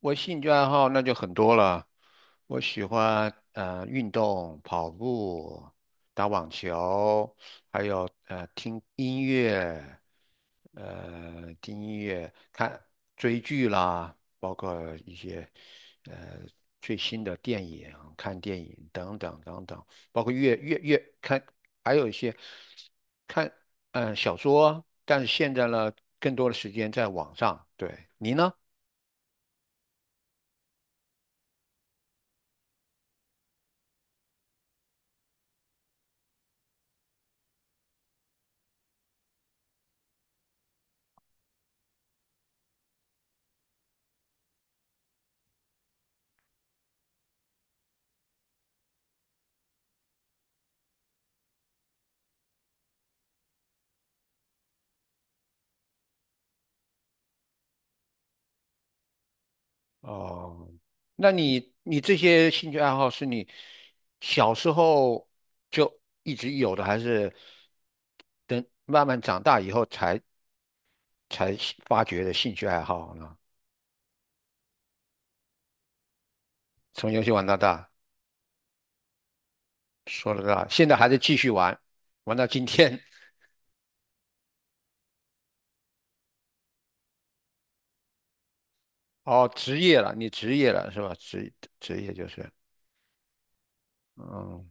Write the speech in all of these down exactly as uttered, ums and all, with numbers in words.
我兴趣爱好那就很多了，我喜欢呃运动、跑步、打网球，还有呃听音乐，呃听音乐、看追剧啦，包括一些呃最新的电影、看电影等等等等，包括阅阅阅看，还有一些看嗯、呃小说，但是现在呢，更多的时间在网上。对，你呢？哦，那你你这些兴趣爱好是你小时候就一直有的，还是等慢慢长大以后才才发掘的兴趣爱好呢？从游戏玩到大，说了大，现在还在继续玩，玩到今天。哦，职业了，你职业了是吧？职职业就是，嗯。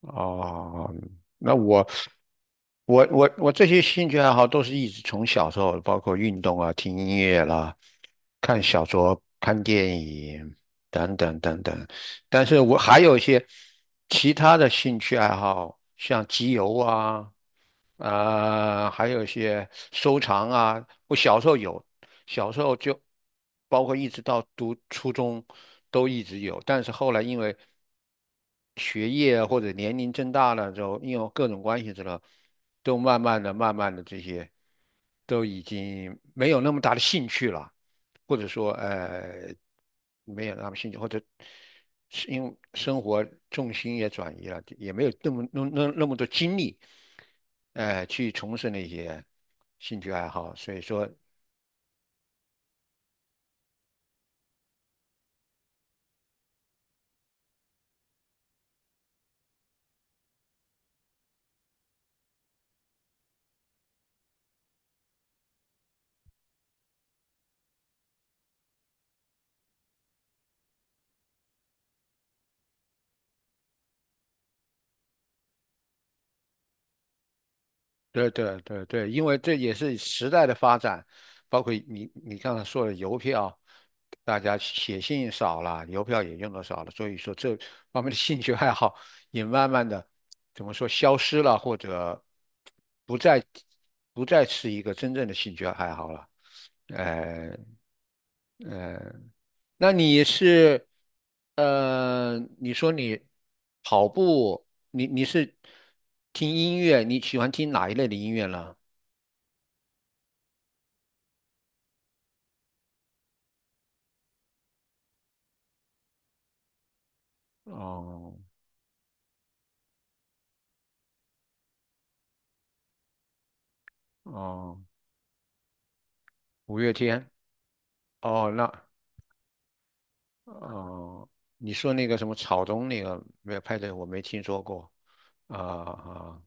哦，那我我我我这些兴趣爱好都是一直从小时候，包括运动啊、听音乐啦、看小说、看电影等等等等。但是我还有一些其他的兴趣爱好，像集邮啊，啊、还有一些收藏啊。我小时候有，小时候就包括一直到读初中都一直有，但是后来因为学业或者年龄增大了之后，因为各种关系之后，都慢慢的、慢慢的这些都已经没有那么大的兴趣了。或者说呃没有那么兴趣，或者是因为生活重心也转移了，也没有那么那那那么多精力，呃，去从事那些兴趣爱好，所以说。对对对对，因为这也是时代的发展，包括你你刚才说的邮票，大家写信少了，邮票也用的少了，所以说这方面的兴趣 爱好也慢慢的怎么说消失了，或者不再不再是一个真正的兴趣爱好了。呃呃，那你是呃，你说你跑步，你你是听音乐，你喜欢听哪一类的音乐呢？哦哦，五月天。哦，那哦，你说那个什么草东那个没有派对，我没听说过。啊啊。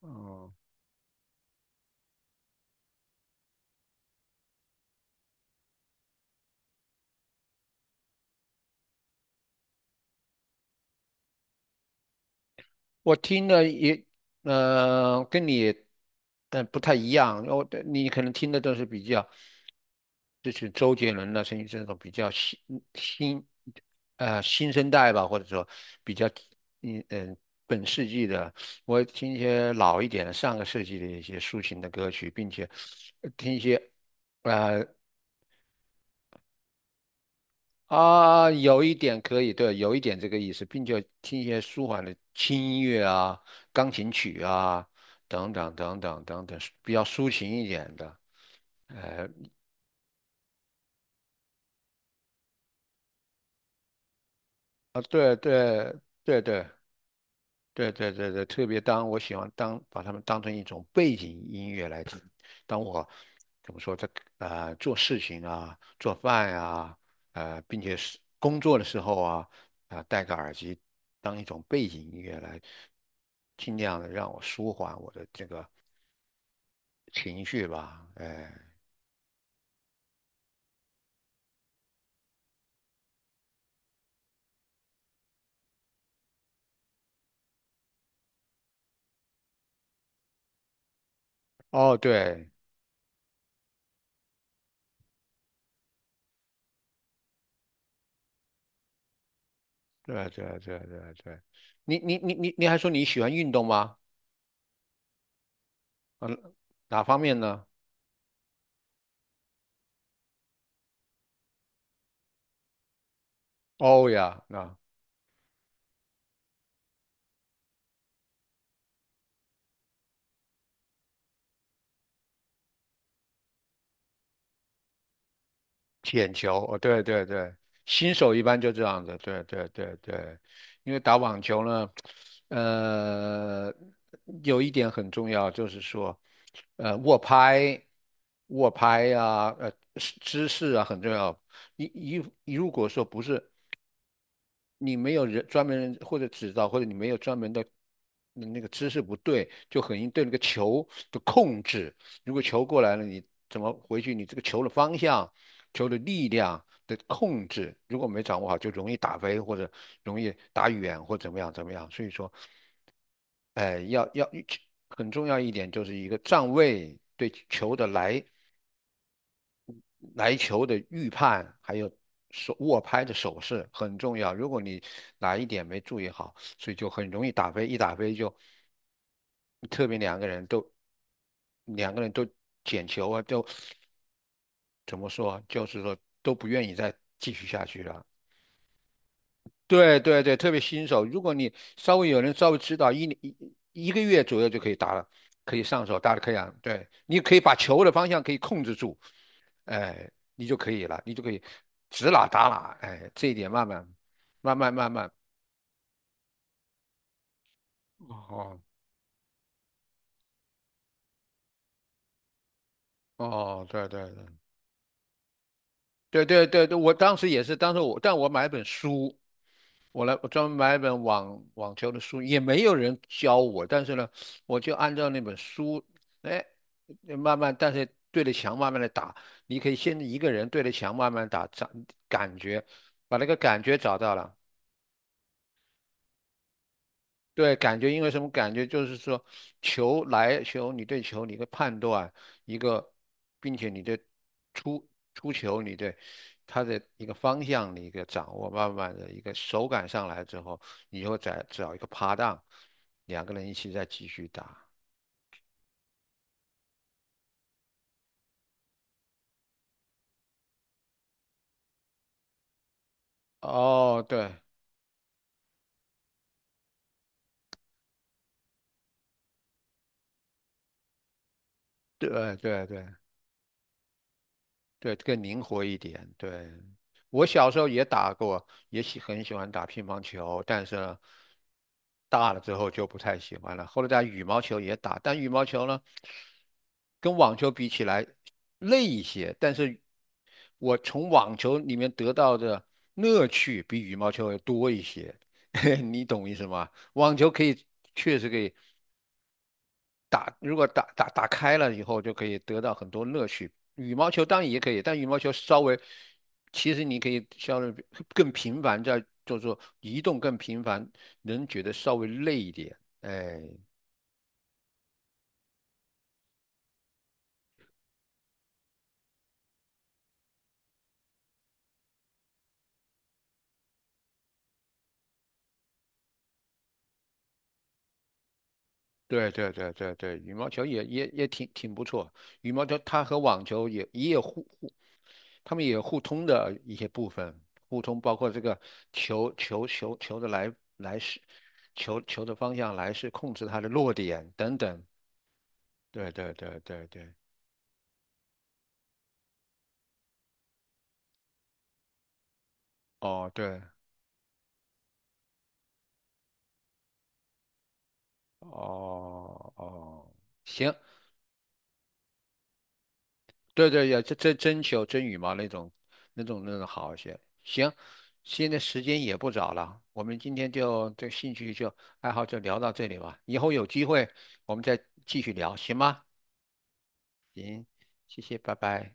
哦，我听的也，呃，跟你，嗯、不太一样。我你可能听的都是比较，就是周杰伦的声音，这种比较新新，呃，新生代吧，或者说比较，嗯嗯，本世纪的。我听一些老一点的，上个世纪的一些抒情的歌曲，并且呃听一些，呃。啊，有一点可以，对，有一点这个意思，并且听一些舒缓的轻音乐啊、钢琴曲啊等等等等等等，比较抒情一点的。啊，对对对对，对对对对，特别当我喜欢当把它们当成一种背景音乐来听。当我怎么说在呃做事情啊、做饭啊、呃，并且是工作的时候啊，啊、戴个耳机当一种背景音乐来，尽量的让我舒缓我的这个情绪吧。哎，哦，对对对对对对，你你你你你还说你喜欢运动吗？嗯，哪方面呢？哦呀，那。舔球，哦，对对对，新手一般就这样子，对对对对，因为打网球呢，呃，有一点很重要，就是说，呃，握拍、握拍呀，呃，姿姿势啊很重要。你你你如果说不是你没有人专门人或者指导，或者你没有专门的，嗯那个姿势不对，就很易对那个球的控制。如果球过来了，你怎么回去？你这个球的方向、球的力量的控制，如果没掌握好，就容易打飞或者容易打远或怎么样怎么样。所以说，哎、要要很重要一点就是一个站位对球的来来球的预判，还有手握拍的手势很重要。如果你哪一点没注意好，所以就很容易打飞，一打飞就特别两个人都两个人都捡球啊，就怎么说啊，就是说都不愿意再继续下去了。对对对，特别新手，如果你稍微有人稍微指导，一年一一个月左右就可以打了，可以上手打得可以啊。对，你可以把球的方向可以控制住，哎，你就可以了，你就可以指哪打哪，哎，这一点慢慢慢慢慢慢，哦哦，对对对对对对对，我当时也是，当时我但我买了本书，我来，我专门买一本网网球的书，也没有人教我，但是呢，我就按照那本书，哎，慢慢，但是对着墙慢慢的打，你可以先一个人对着墙慢慢打，找感觉，把那个感觉找到了，对，感觉因为什么？感觉就是说，球来球，你对球你的判断一个，并且你对出出球你对它的一个方向的一个掌握，慢慢的一个手感上来之后，你又再找一个趴档，两个人一起再继续打。哦，对对对对，对，更灵活一点。对，我小时候也打过，也喜很喜欢打乒乓球，但是呢大了之后就不太喜欢了。后来打羽毛球也打，但羽毛球呢，跟网球比起来累一些，但是我从网球里面得到的乐趣比羽毛球要多一些。你懂意思吗？网球可以确实可以打，如果打打打开了以后，就可以得到很多乐趣。羽毛球当然也可以，但羽毛球稍微，其实你可以稍微更频繁，在就是说移动更频繁，能觉得稍微累一点。哎，对对对对对，羽毛球也也也挺挺不错。羽毛球它和网球也也有互互，他们也有互通的一些部分，互通包括这个球球球球的来来势，球球的方向来势，控制它的落点等等。对对对对对，哦对，哦哦，行，对对也这这真球真羽毛那种那种那种好一些。行，现在时间也不早了，我们今天就这兴趣就爱好就聊到这里吧，以后有机会我们再继续聊，行吗？谢谢，拜拜。